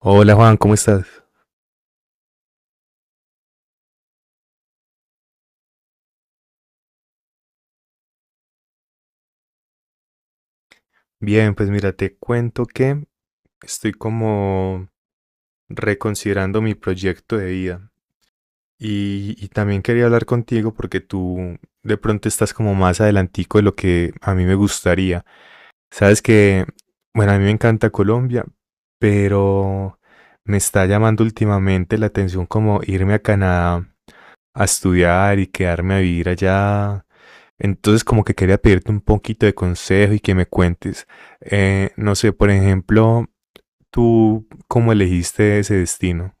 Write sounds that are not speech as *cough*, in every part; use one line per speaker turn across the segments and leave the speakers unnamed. Hola, Juan, ¿cómo estás? Bien, pues mira, te cuento que estoy como reconsiderando mi proyecto de vida y también quería hablar contigo porque tú de pronto estás como más adelantico de lo que a mí me gustaría. Sabes que, bueno, a mí me encanta Colombia, pero me está llamando últimamente la atención como irme a Canadá a estudiar y quedarme a vivir allá. Entonces como que quería pedirte un poquito de consejo y que me cuentes, no sé, por ejemplo, tú cómo elegiste ese destino.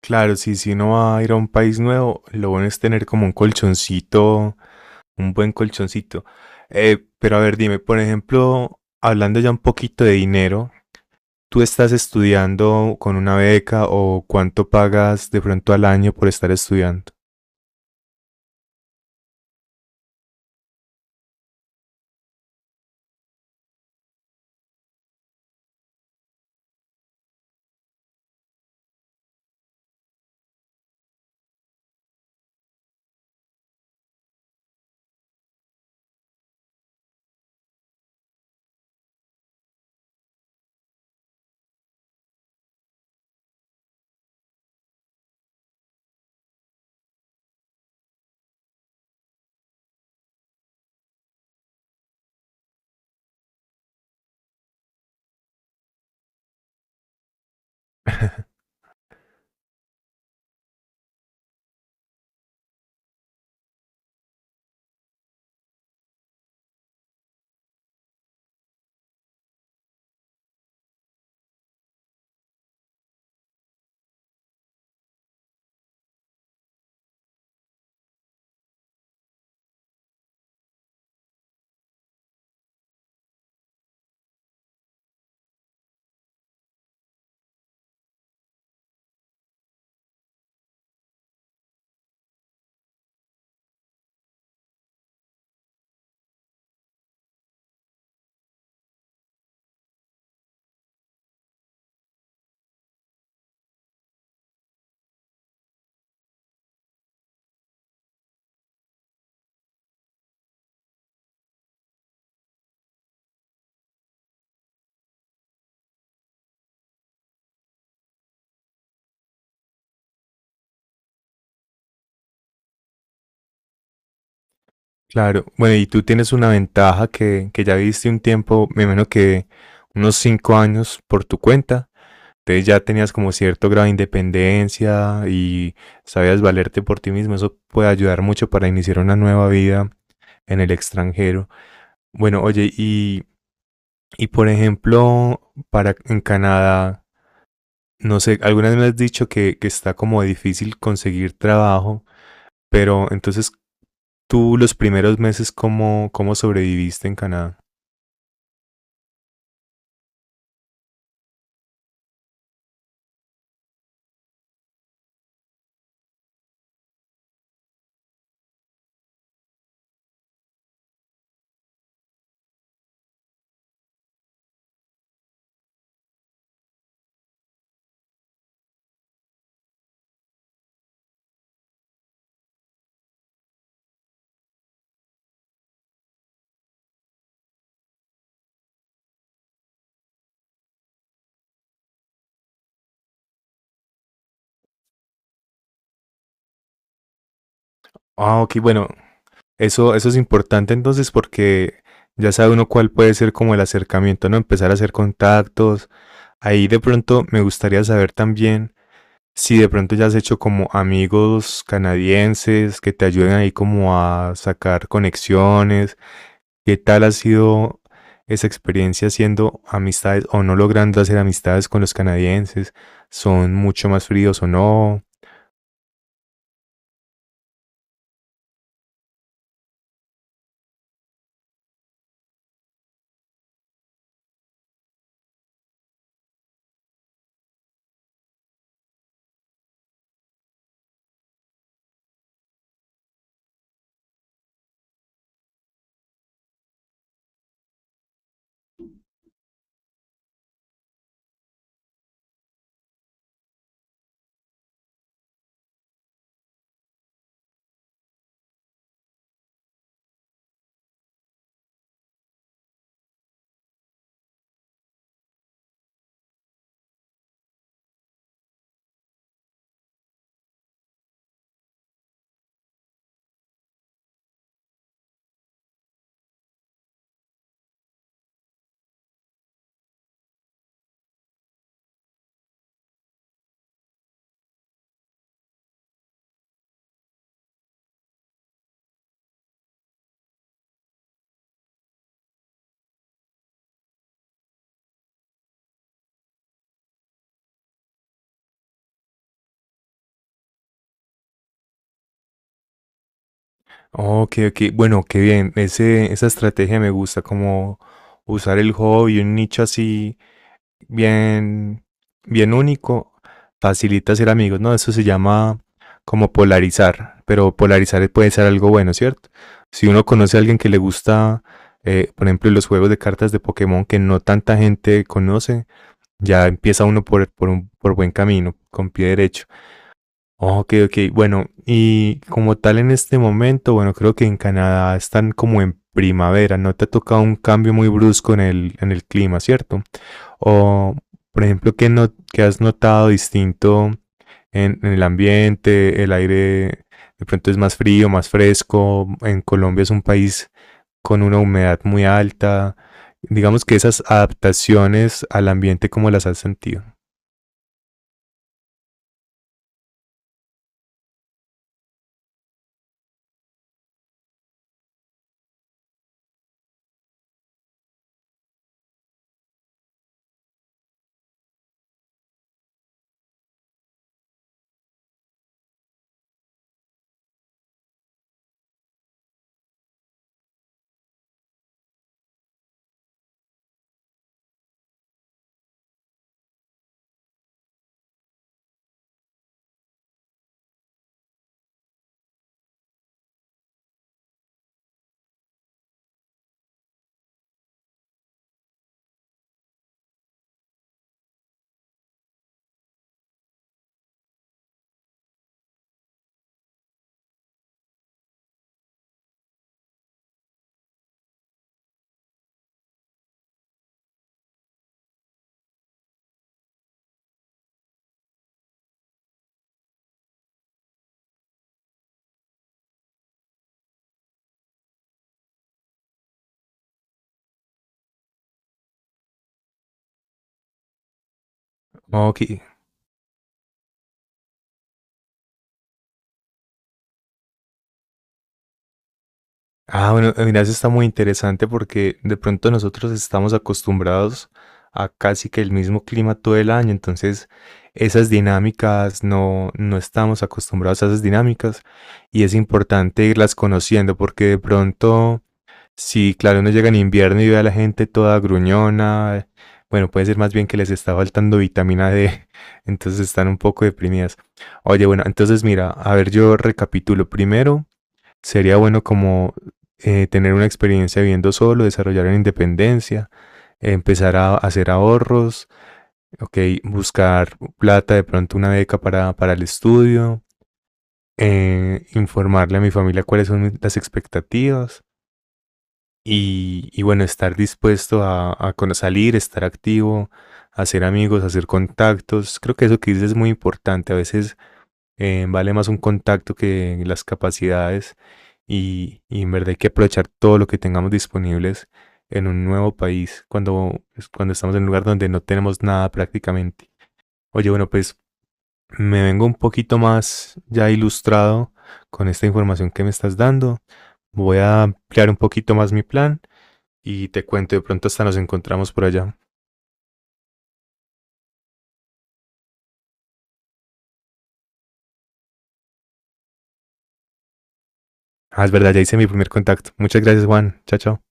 Claro, si uno va a ir a un país nuevo, lo bueno es tener como un colchoncito, un buen colchoncito. Pero a ver, dime, por ejemplo, hablando ya un poquito de dinero, ¿tú estás estudiando con una beca o cuánto pagas de pronto al año por estar estudiando? Claro, bueno, y tú tienes una ventaja que ya viviste un tiempo, me imagino que unos 5 años por tu cuenta. Entonces ya tenías como cierto grado de independencia y sabías valerte por ti mismo. Eso puede ayudar mucho para iniciar una nueva vida en el extranjero. Bueno, oye, y por ejemplo, para en Canadá, no sé, alguna vez me has dicho que está como difícil conseguir trabajo, pero entonces tú los primeros meses, ¿cómo sobreviviste en Canadá? Ah, ok, bueno, eso es importante entonces porque ya sabe uno cuál puede ser como el acercamiento, ¿no? Empezar a hacer contactos. Ahí de pronto me gustaría saber también si de pronto ya has hecho como amigos canadienses que te ayuden ahí como a sacar conexiones. ¿Qué tal ha sido esa experiencia haciendo amistades o no logrando hacer amistades con los canadienses? ¿Son mucho más fríos o no? Oh, ok, ok. Bueno, qué bien. Esa estrategia me gusta, como usar el hobby, un nicho así bien, bien único, facilita ser amigos, ¿no? Eso se llama como polarizar, pero polarizar puede ser algo bueno, ¿cierto? Si uno conoce a alguien que le gusta, por ejemplo, los juegos de cartas de Pokémon que no tanta gente conoce, ya empieza uno por buen camino, con pie derecho. Ok, ok, bueno, y como tal en este momento, bueno, creo que en Canadá están como en primavera, no te ha tocado un cambio muy brusco en en el clima, ¿cierto? O, por ejemplo, ¿qué, no, ¿qué has notado distinto en el ambiente? ¿El aire de pronto es más frío, más fresco? En Colombia es un país con una humedad muy alta. Digamos que esas adaptaciones al ambiente, ¿cómo las has sentido? Ok, ah, bueno, mira, eso está muy interesante porque de pronto nosotros estamos acostumbrados a casi que el mismo clima todo el año, entonces esas dinámicas no estamos acostumbrados a esas dinámicas y es importante irlas conociendo porque de pronto, si claro, uno llega en invierno y ve a la gente toda gruñona, bueno, puede ser más bien que les está faltando vitamina D, *laughs* entonces están un poco deprimidas. Oye, bueno, entonces mira, a ver, yo recapitulo primero. Sería bueno como tener una experiencia viviendo solo, desarrollar una independencia, empezar a hacer ahorros, ok, buscar plata, de pronto una beca para el estudio, informarle a mi familia cuáles son las expectativas y bueno, estar dispuesto a salir, estar activo, hacer amigos, hacer contactos. Creo que eso que dices es muy importante. A veces vale más un contacto que las capacidades y en verdad hay que aprovechar todo lo que tengamos disponibles en un nuevo país cuando, pues, cuando estamos en un lugar donde no tenemos nada prácticamente. Oye, bueno, pues me vengo un poquito más ya ilustrado con esta información que me estás dando. Voy a ampliar un poquito más mi plan y te cuento, de pronto hasta nos encontramos por allá. Ah, es verdad, ya hice mi primer contacto. Muchas gracias, Juan. Chao, chao.